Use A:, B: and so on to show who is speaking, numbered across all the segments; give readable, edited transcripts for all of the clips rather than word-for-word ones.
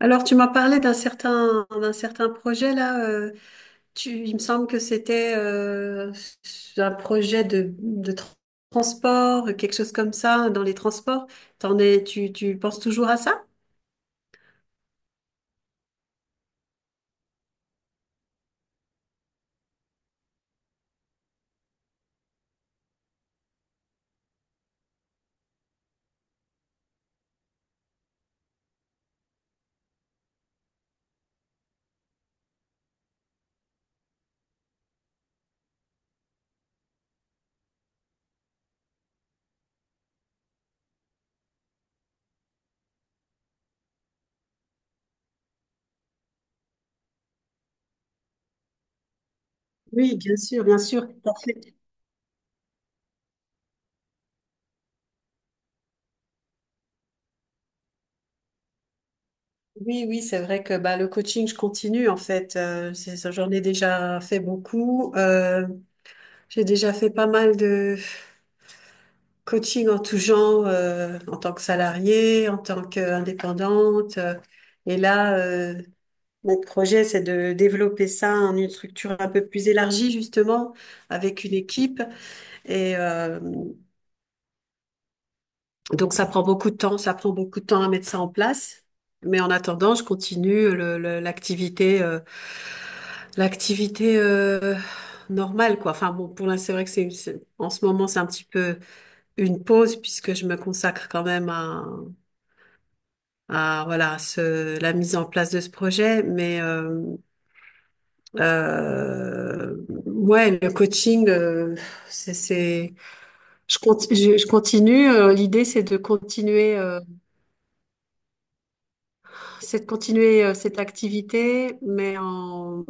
A: Alors, tu m'as parlé d'un certain projet là. Il me semble que c'était un projet de transport, quelque chose comme ça, dans les transports. Tu penses toujours à ça? Oui, bien sûr, bien sûr. En fait, oui, oui, c'est vrai que bah, le coaching, je continue en fait. C'est ça, j'en ai déjà fait beaucoup. J'ai déjà fait pas mal de coaching en tout genre, en tant que salariée, en tant qu'indépendante. Là, mon projet, c'est de développer ça en une structure un peu plus élargie, justement, avec une équipe. Et euh, donc, ça prend beaucoup de temps, ça prend beaucoup de temps à mettre ça en place. Mais en attendant, je continue l'activité, l'activité euh, normale, quoi. Enfin, bon, pour l'instant, c'est vrai que en ce moment, c'est un petit peu une pause puisque je me consacre quand même à voilà la mise en place de ce projet mais euh, ouais, le coaching c'est je continue. L'idée, c'est de continuer cette activité mais en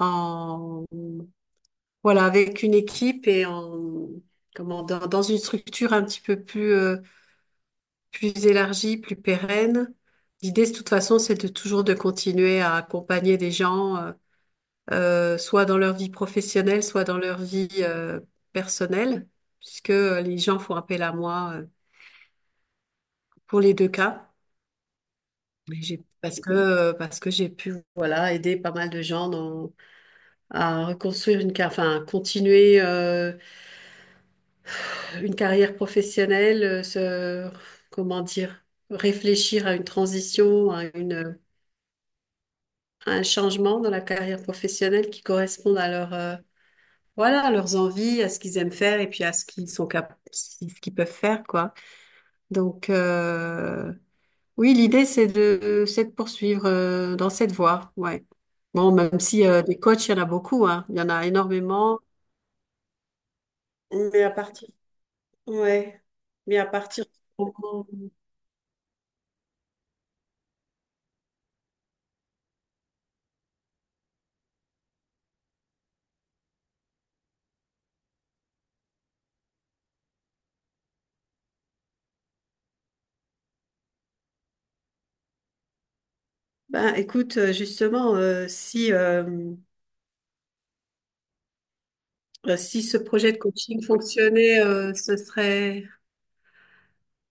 A: en voilà, avec une équipe et en comment dans une structure un petit peu plus plus élargie, plus pérenne. L'idée, de toute façon, c'est de continuer à accompagner des gens, soit dans leur vie professionnelle, soit dans leur vie personnelle, puisque les gens font appel à moi pour les deux cas. Parce que j'ai pu voilà, aider pas mal de gens, à reconstruire une carrière, enfin, continuer une carrière professionnelle, comment dire, réfléchir à une transition, à une un changement dans la carrière professionnelle qui corresponde à voilà, à leurs envies, à ce qu'ils aiment faire et puis à ce qu'ils sont cap- si, ce qu'ils peuvent faire, quoi. Donc, oui, l'idée, c'est c'est de poursuivre, dans cette voie, ouais. Bon, même si, des coachs, il y en a beaucoup, hein. Il y en a énormément. Mais à partir, ouais. Mais à partir du moment. Ben, écoute, justement, si ce projet de coaching fonctionnait, ce serait.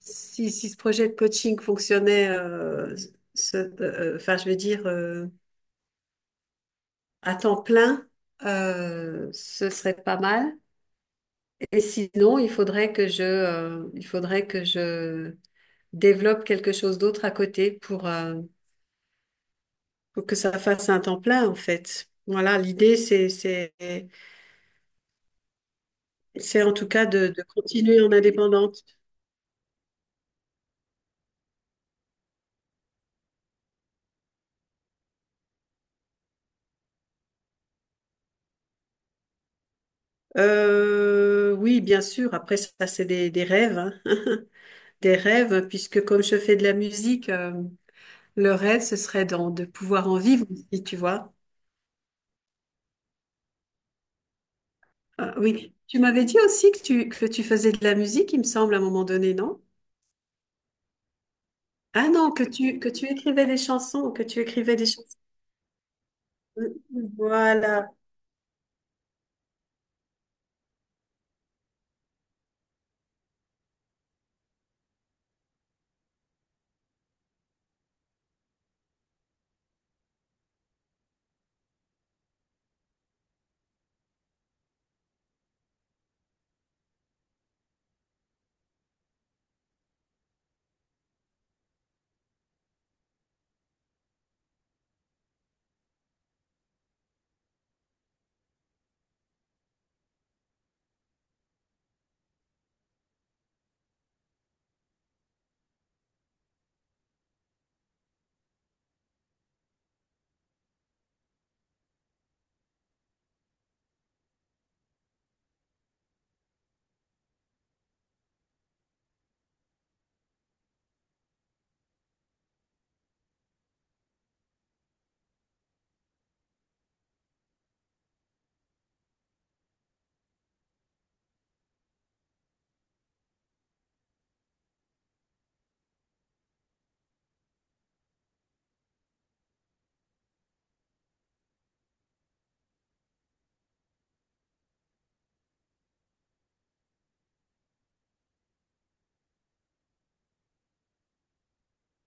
A: Si, si ce projet de coaching fonctionnait, enfin, je veux dire, à temps plein, ce serait pas mal. Et sinon, il faudrait que il faudrait que je développe quelque chose d'autre à côté pour que ça fasse un temps plein, en fait. Voilà, l'idée, c'est en tout cas de continuer en indépendante. Oui, bien sûr. Après, ça, c'est des rêves, hein. Des rêves, puisque comme je fais de la musique, le rêve, ce serait de pouvoir en vivre aussi, tu vois. Ah, oui, tu m'avais dit aussi que que tu faisais de la musique, il me semble, à un moment donné, non? Ah non, que que tu écrivais des chansons, que tu écrivais des chansons. Voilà.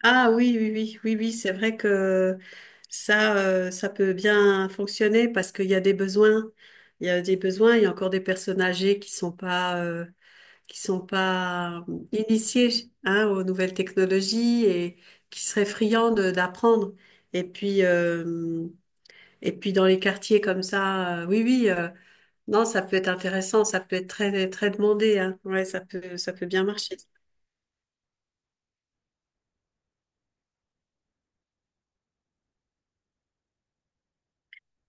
A: Ah oui, oui, oui, oui, oui, c'est vrai que ça, ça peut bien fonctionner parce qu'il y a des besoins. Il y a des besoins, il y a encore des personnes âgées qui sont pas initiés, hein, aux nouvelles technologies et qui seraient friands d'apprendre. Et puis, euh, et puis dans les quartiers comme ça, oui, oui, non, ça peut être intéressant, ça peut être très, très demandé, hein. Ouais, ça peut bien marcher.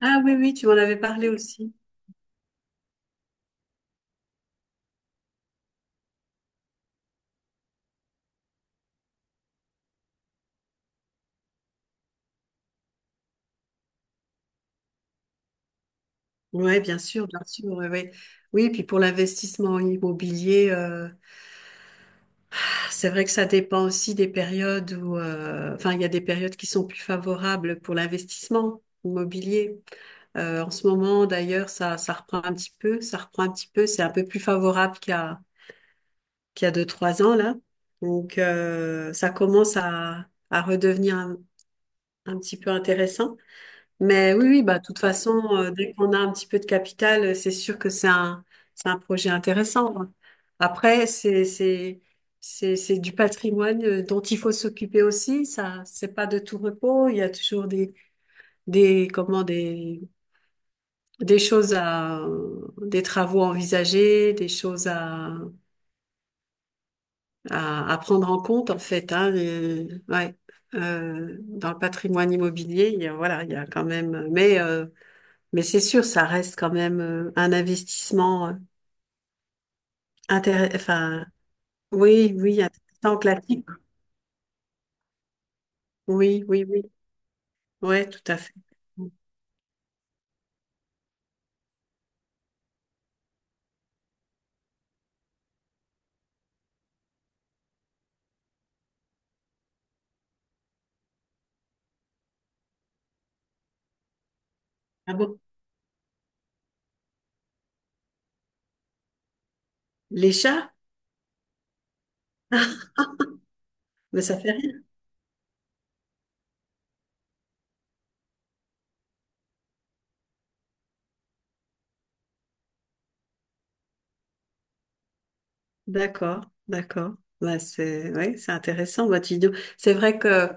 A: Ah oui, oui, tu m'en avais parlé aussi. Oui, bien sûr, ouais, ouais. Oui, puis pour l'investissement immobilier, c'est vrai que ça dépend aussi des périodes où, enfin, il y a des périodes qui sont plus favorables pour l'investissement immobilier. En ce moment, d'ailleurs, ça reprend un petit peu, ça reprend un petit peu, c'est un peu plus favorable qu'il y a deux, trois ans, là. Donc, ça commence à redevenir un petit peu intéressant. Mais oui, oui, bah, de toute façon, dès qu'on a un petit peu de capital, c'est sûr que c'est un projet intéressant, hein. Après, c'est du patrimoine dont il faut s'occuper aussi. Ça, c'est pas de tout repos. Il y a toujours comment, des choses à, des travaux envisagés, des choses à, à prendre en compte en fait, hein, ouais. Dans le patrimoine immobilier, il y a, voilà, il y a quand même, mais c'est sûr, ça reste quand même un investissement enfin, oui, oui, intéressant, classique, oui, oui, oui, ouais, tout à fait. Ah bon? Les chats? Mais ça fait. D'accord, d'accord. Bah, c'est ouais, c'est intéressant votre vidéo. C'est vrai que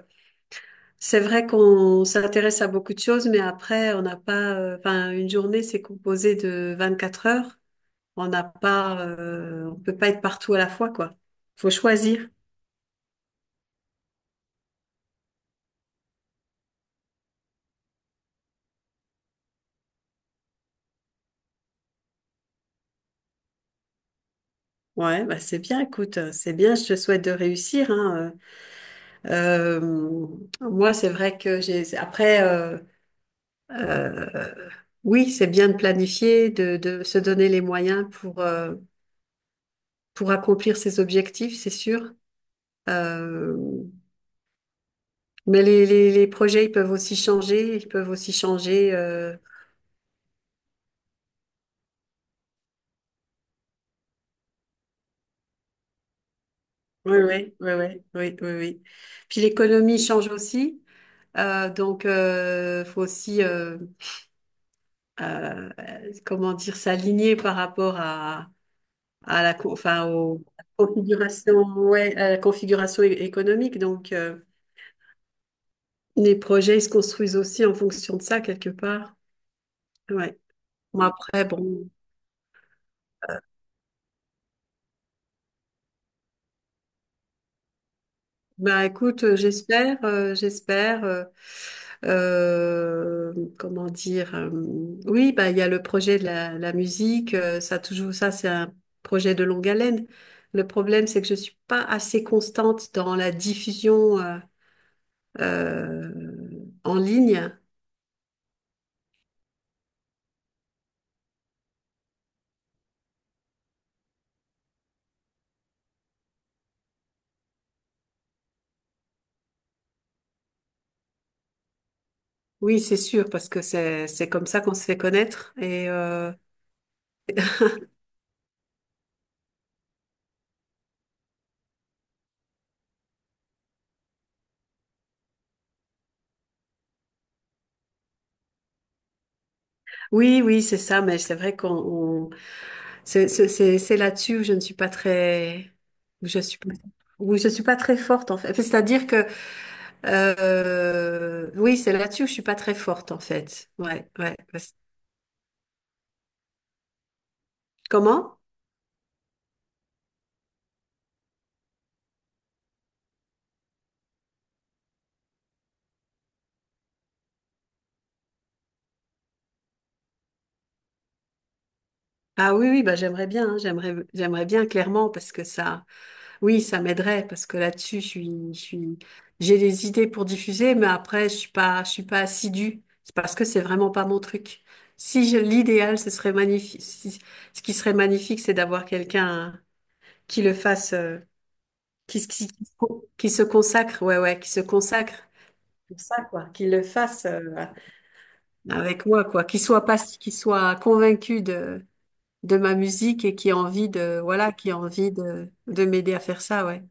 A: c'est vrai qu'on s'intéresse à beaucoup de choses, mais après on n'a pas. Enfin, une journée c'est composé de 24 heures. On n'a pas. On peut pas être partout à la fois, quoi. Faut choisir. Ouais, bah c'est bien. Écoute, c'est bien. Je te souhaite de réussir, hein. Euh, euh, Moi, c'est vrai que j'ai. Après, euh, oui, c'est bien de planifier, de se donner les moyens pour. Pour accomplir ses objectifs, c'est sûr. Euh, mais les projets, ils peuvent aussi changer, ils peuvent aussi changer. Oui, oui, oui, oui, oui, oui, oui. Puis l'économie change aussi, donc faut aussi, euh, comment dire, s'aligner par rapport à enfin, aux configurations, ouais, à la configuration économique. Donc les projets, ils se construisent aussi en fonction de ça quelque part. Ouais. Bon, après, bon. Bah écoute, j'espère, j'espère. Comment dire? Oui, bah il y a le projet de la musique. Ça toujours, ça c'est un projet de longue haleine. Le problème, c'est que je suis pas assez constante dans la diffusion, euh, en ligne. Oui, c'est sûr, parce que c'est comme ça qu'on se fait connaître. Et oui, oui, c'est ça. Mais c'est vrai qu'on. C'est là-dessus où je ne suis pas très, où je suis pas, où je suis pas très forte en fait. C'est-à-dire que, oui, c'est là-dessus où je suis pas très forte en fait. Ouais, ouais. Parce- Comment? Ah oui, oui, bah j'aimerais bien, hein, j'aimerais bien clairement parce que ça, oui, ça m'aiderait parce que là-dessus, je suis, j'ai des idées pour diffuser, mais après, je suis pas assidue. C'est parce que c'est vraiment pas mon truc. Si je- L'idéal, ce serait magnifique. Si- Ce qui serait magnifique, c'est d'avoir quelqu'un qui le fasse, qui qui se consacre, ouais, ouais, qui se consacre pour ça, quoi, qu'il le fasse avec moi, quoi, qu'il soit pas, qu'il soit convaincu de ma musique et qui a envie de, voilà, qui a envie de m'aider à faire ça, ouais.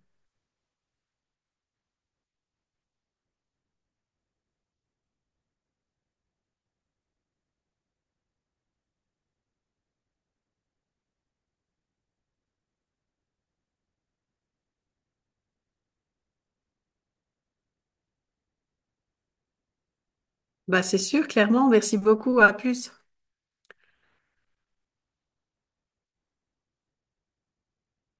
A: Bah, c'est sûr, clairement. Merci beaucoup. À plus.